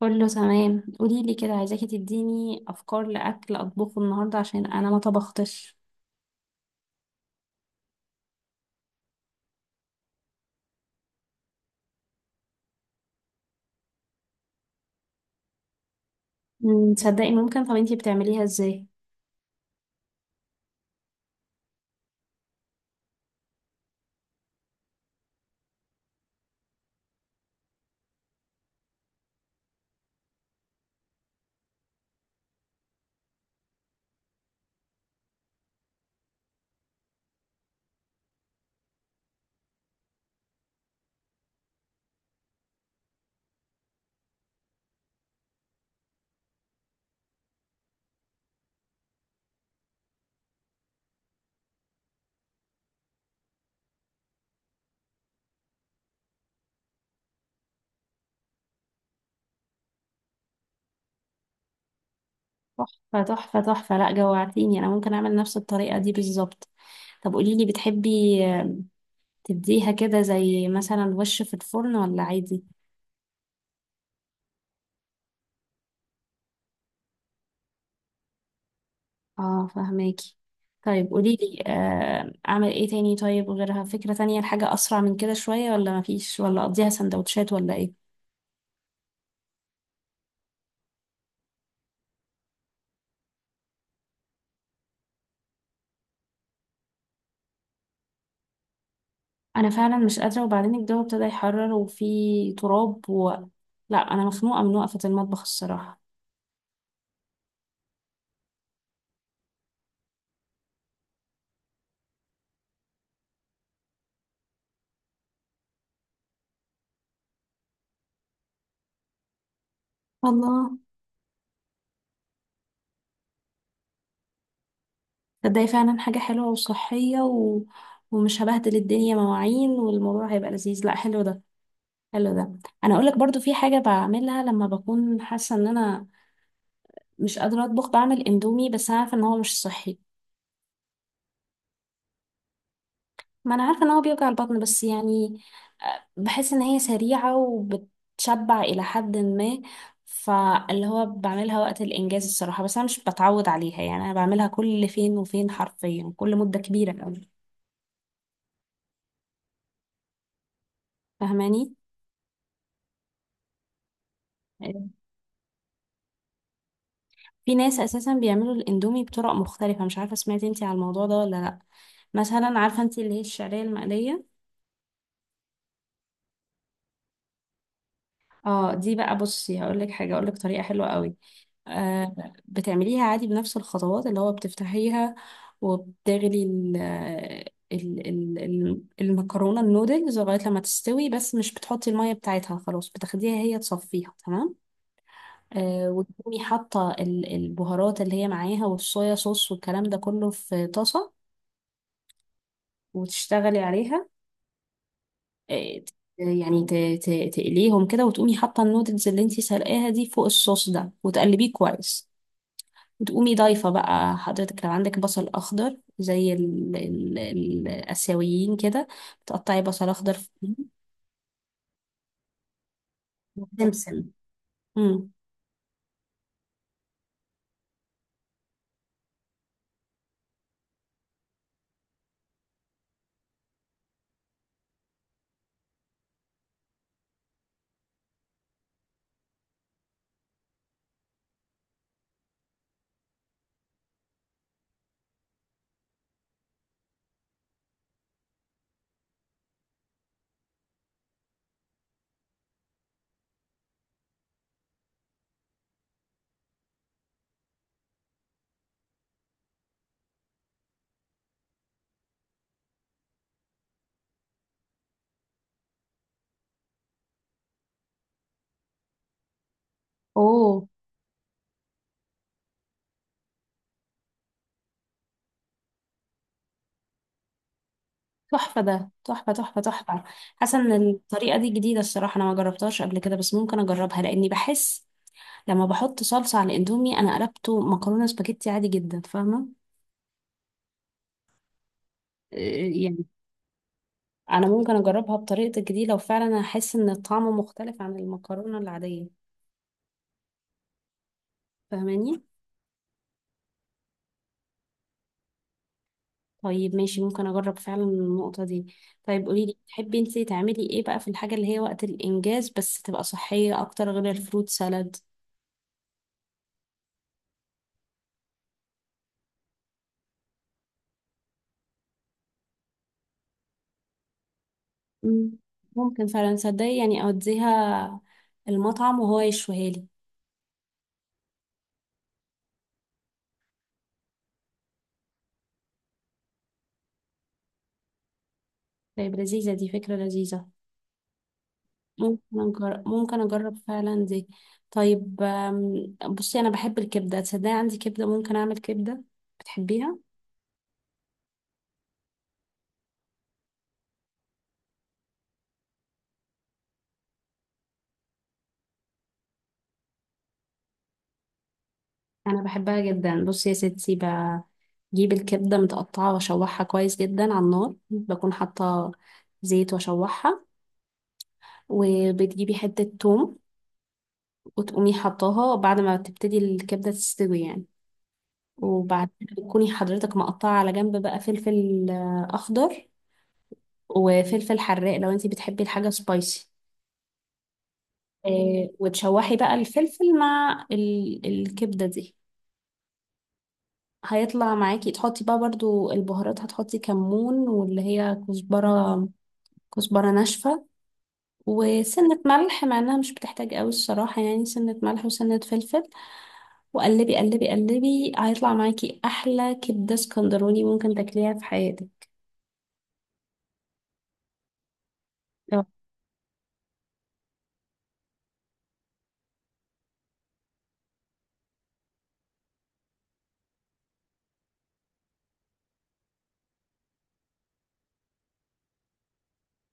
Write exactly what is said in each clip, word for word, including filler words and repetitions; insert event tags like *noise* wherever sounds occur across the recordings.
كله تمام. قولي لي كده، عايزاكي تديني افكار لاكل اطبخه النهارده عشان انا ما طبختش. أمم، تصدقي ممكن. طب انتي بتعمليها ازاي؟ تحفه تحفه تحفه، لا جوعتيني. انا ممكن اعمل نفس الطريقه دي بالظبط. طب قولي لي، بتحبي آه، تديها كده زي مثلا وش في الفرن ولا عادي؟ اه، فهماكي. طيب قولي لي، آه، اعمل ايه تاني؟ طيب غيرها، فكره تانية، الحاجه اسرع من كده شويه ولا مفيش، ولا اقضيها سندوتشات ولا ايه؟ انا فعلا مش قادره، وبعدين الجو ابتدى يحرر وفي تراب و... لا انا مخنوقه من وقفه المطبخ الصراحه. الله. تصدقي فعلا حاجه حلوه وصحيه و... ومش هبهدل الدنيا مواعين، والموضوع هيبقى لذيذ. لا حلو ده، حلو ده. انا اقول لك برضو في حاجه بعملها لما بكون حاسه ان انا مش قادره اطبخ، بعمل اندومي، بس انا عارفه ان هو مش صحي. ما انا عارفه ان هو بيوجع البطن، بس يعني آه، بحس ان هي سريعه وبتشبع الى حد ما. فاللي هو بعملها وقت الانجاز الصراحه، بس انا مش بتعود عليها، يعني انا بعملها كل فين وفين، حرفيا كل مده كبيره قوي. فاهماني؟ آه، في ناس اساسا بيعملوا الاندومي بطرق مختلفه، مش عارفه سمعتي انتي على الموضوع ده ولا لا. مثلا عارفه انتي اللي هي الشعريه المقليه؟ اه، دي بقى بصي هقول لك حاجه، اقول لك طريقه حلوه قوي. آه، بتعمليها عادي بنفس الخطوات، اللي هو بتفتحيها وبتغلي ال ال ال ال- المكرونه النودلز لغايه لما تستوي، بس مش بتحطي الميه بتاعتها، خلاص بتاخديها هي تصفيها تمام. آه، وتقومي حاطه ال- البهارات اللي هي معاها والصويا صوص والكلام ده كله في طاسه، وتشتغلي عليها. آه، ت- يعني ت- ت- تقليهم كده، وتقومي حاطة النودلز اللي انتي سلقاها دي فوق الصوص ده وتقلبيه كويس. وتقومي ضايفة بقى حضرتك لو عندك بصل أخضر زي ال ال الآسيويين كده، بتقطعي بصل أخضر فوقيهم وسمسم. امم. اوه. تحفة ده، تحفة تحفة تحفة. حاسة ان الطريقة دي جديدة الصراحة، انا ما جربتهاش قبل كده، بس ممكن اجربها لاني بحس لما بحط صلصة على الاندومي انا قلبته مكرونة سباجيتي عادي جدا. فاهمة؟ آه، يعني انا ممكن اجربها بطريقتك دي لو فعلا انا احس ان الطعم مختلف عن المكرونه العاديه. فاهماني؟ طيب ماشي، ممكن اجرب فعلا النقطه دي. طيب قولي لي، تحبي انت تعملي ايه بقى في الحاجه اللي هي وقت الانجاز بس تبقى صحيه اكتر غير الفروت سالاد؟ مم. ممكن فعلا صدقي، يعني اوديها المطعم وهو يشويها لي. طيب لذيذه، دي فكره لذيذه. ممكن أجرب، ممكن اجرب فعلا دي. طيب آم، بصي انا بحب الكبده، تصدقي عندي كبده، ممكن اعمل كبده. بتحبيها؟ انا بحبها جدا. بصي يا ستي، بجيب الكبده متقطعه واشوحها كويس جدا على النار، بكون حاطه زيت واشوحها، وبتجيبي حته توم وتقومي حطاها بعد ما تبتدي الكبده تستوي يعني. وبعدين بتكوني حضرتك مقطعه على جنب بقى فلفل آه، اخضر وفلفل حراق لو انتي بتحبي الحاجه سبايسي. آه، وتشوحي بقى الفلفل مع ال- الكبده دي. هيطلع معاكي. تحطي بقى برضو البهارات، هتحطي كمون واللي هي كزبرة، كزبرة ناشفة، وسنة ملح، مع انها مش بتحتاج قوي الصراحة، يعني سنة ملح وسنة فلفل، وقلبي قلبي قلبي، هيطلع معاكي احلى كبدة اسكندراني ممكن تاكليها في حياتك.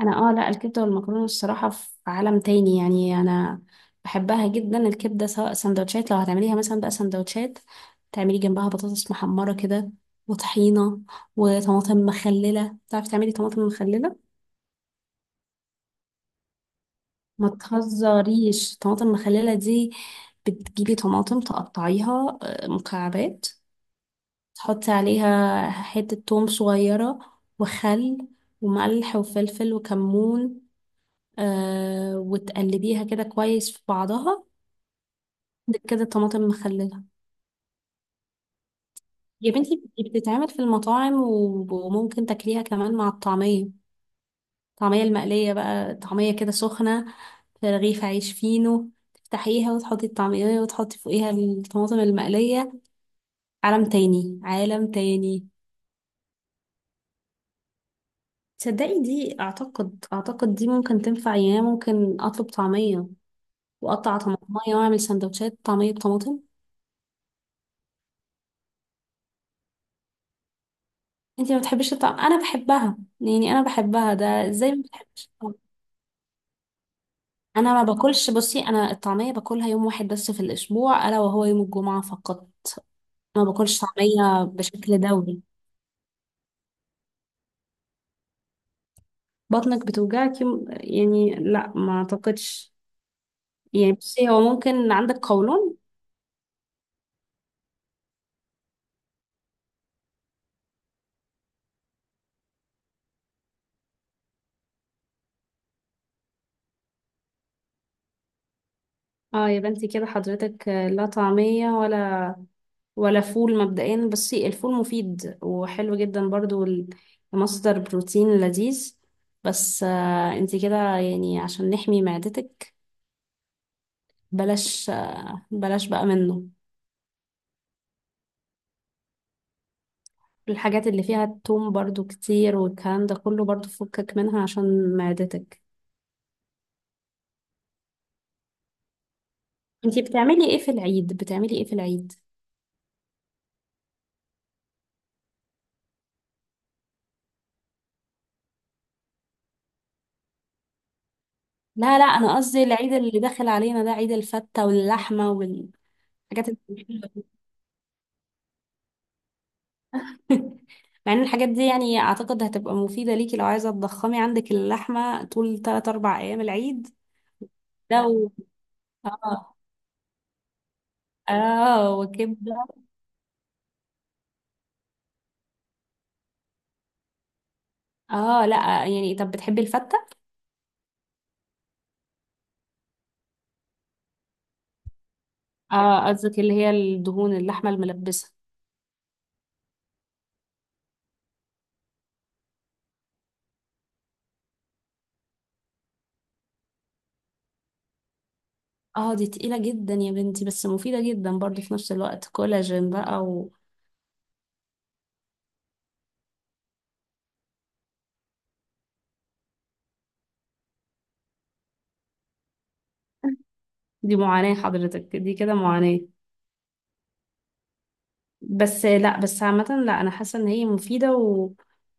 انا اه، لا، الكبده والمكرونه الصراحه في عالم تاني يعني، انا بحبها جدا الكبده. سواء سندوتشات، لو هتعمليها مثلا بقى سندوتشات، تعملي جنبها بطاطس محمره كده، وطحينه، وطماطم مخلله. تعرفي تعملي طماطم مخلله؟ ما تهزريش، طماطم مخلله دي بتجيبي طماطم تقطعيها آه، مكعبات، تحطي عليها حته توم صغيره، وخل، وملح وفلفل وكمون، آه، وتقلبيها كده كويس في بعضها. عندك كده طماطم مخللة. يا بنتي دي بتتعمل في المطاعم، و- وممكن تاكليها كمان مع الطعمية، الطعمية المقلية بقى، طعمية كده سخنة في رغيف عيش فينو، تفتحيها وتحطي الطعمية وتحطي فوقيها الطماطم المقلية. عالم تاني، عالم تاني. تصدقي دي اعتقد، اعتقد دي ممكن تنفع يعني، أنا ممكن اطلب طعمية واقطع طماطمية واعمل سندوتشات طعمية بطماطم. انتي ما بتحبيش الطعم؟ انا بحبها، يعني انا بحبها، ده ازاي ما بتحبيش الطعم؟ انا ما باكلش، بصي انا الطعميه باكلها يوم واحد بس في الاسبوع، الا وهو يوم الجمعه فقط، ما باكلش طعميه بشكل دوري. بطنك بتوجعك يوم يعني؟ لا ما اعتقدش. يعني بصي، هو ممكن عندك قولون. اه، يبقى انتي كده حضرتك آه، لا طعميه ولا، ولا فول. مبدئيا بصي، الفول مفيد وحلو جدا برضو، مصدر بروتين لذيذ، بس آه، انتي كده يعني، عشان نحمي معدتك بلاش، آه، بلاش بقى منه. الحاجات اللي فيها التوم برضو كتير، والكلام ده كله برضو فكك منها عشان معدتك. انتي بتعملي ايه في العيد؟ بتعملي ايه في العيد؟ لا لا، انا قصدي العيد اللي داخل علينا ده، عيد الفتة واللحمة والحاجات دي. *laughs* مع ان الحاجات دي يعني اعتقد هتبقى مفيدة ليكي لو عايزة تضخمي عندك اللحمة طول ثلاثة اربعة ايام العيد. لو اه، اه وكبدة. اه لا. يعني طب بتحبي الفتة؟ اه، قصدك اللي هي الدهون، اللحمة الملبسة. اه، دي تقيلة جدا يا بنتي، بس مفيدة جدا برضو في نفس الوقت، كولاجين بقى. ودي معاناة، حضرتك دي كده معاناة. بس لا، بس عامة لا، انا حاسة ان هي مفيدة و...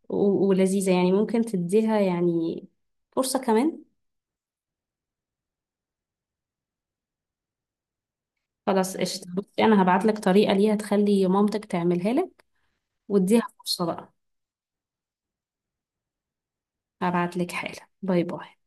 و... ولذيذة يعني، ممكن تديها يعني فرصة كمان. خلاص قشطة، بصي أنا هبعت لك طريقة ليها تخلي مامتك تعملها لك، واديها فرصة بقى. هبعت لك حالا، باي باي.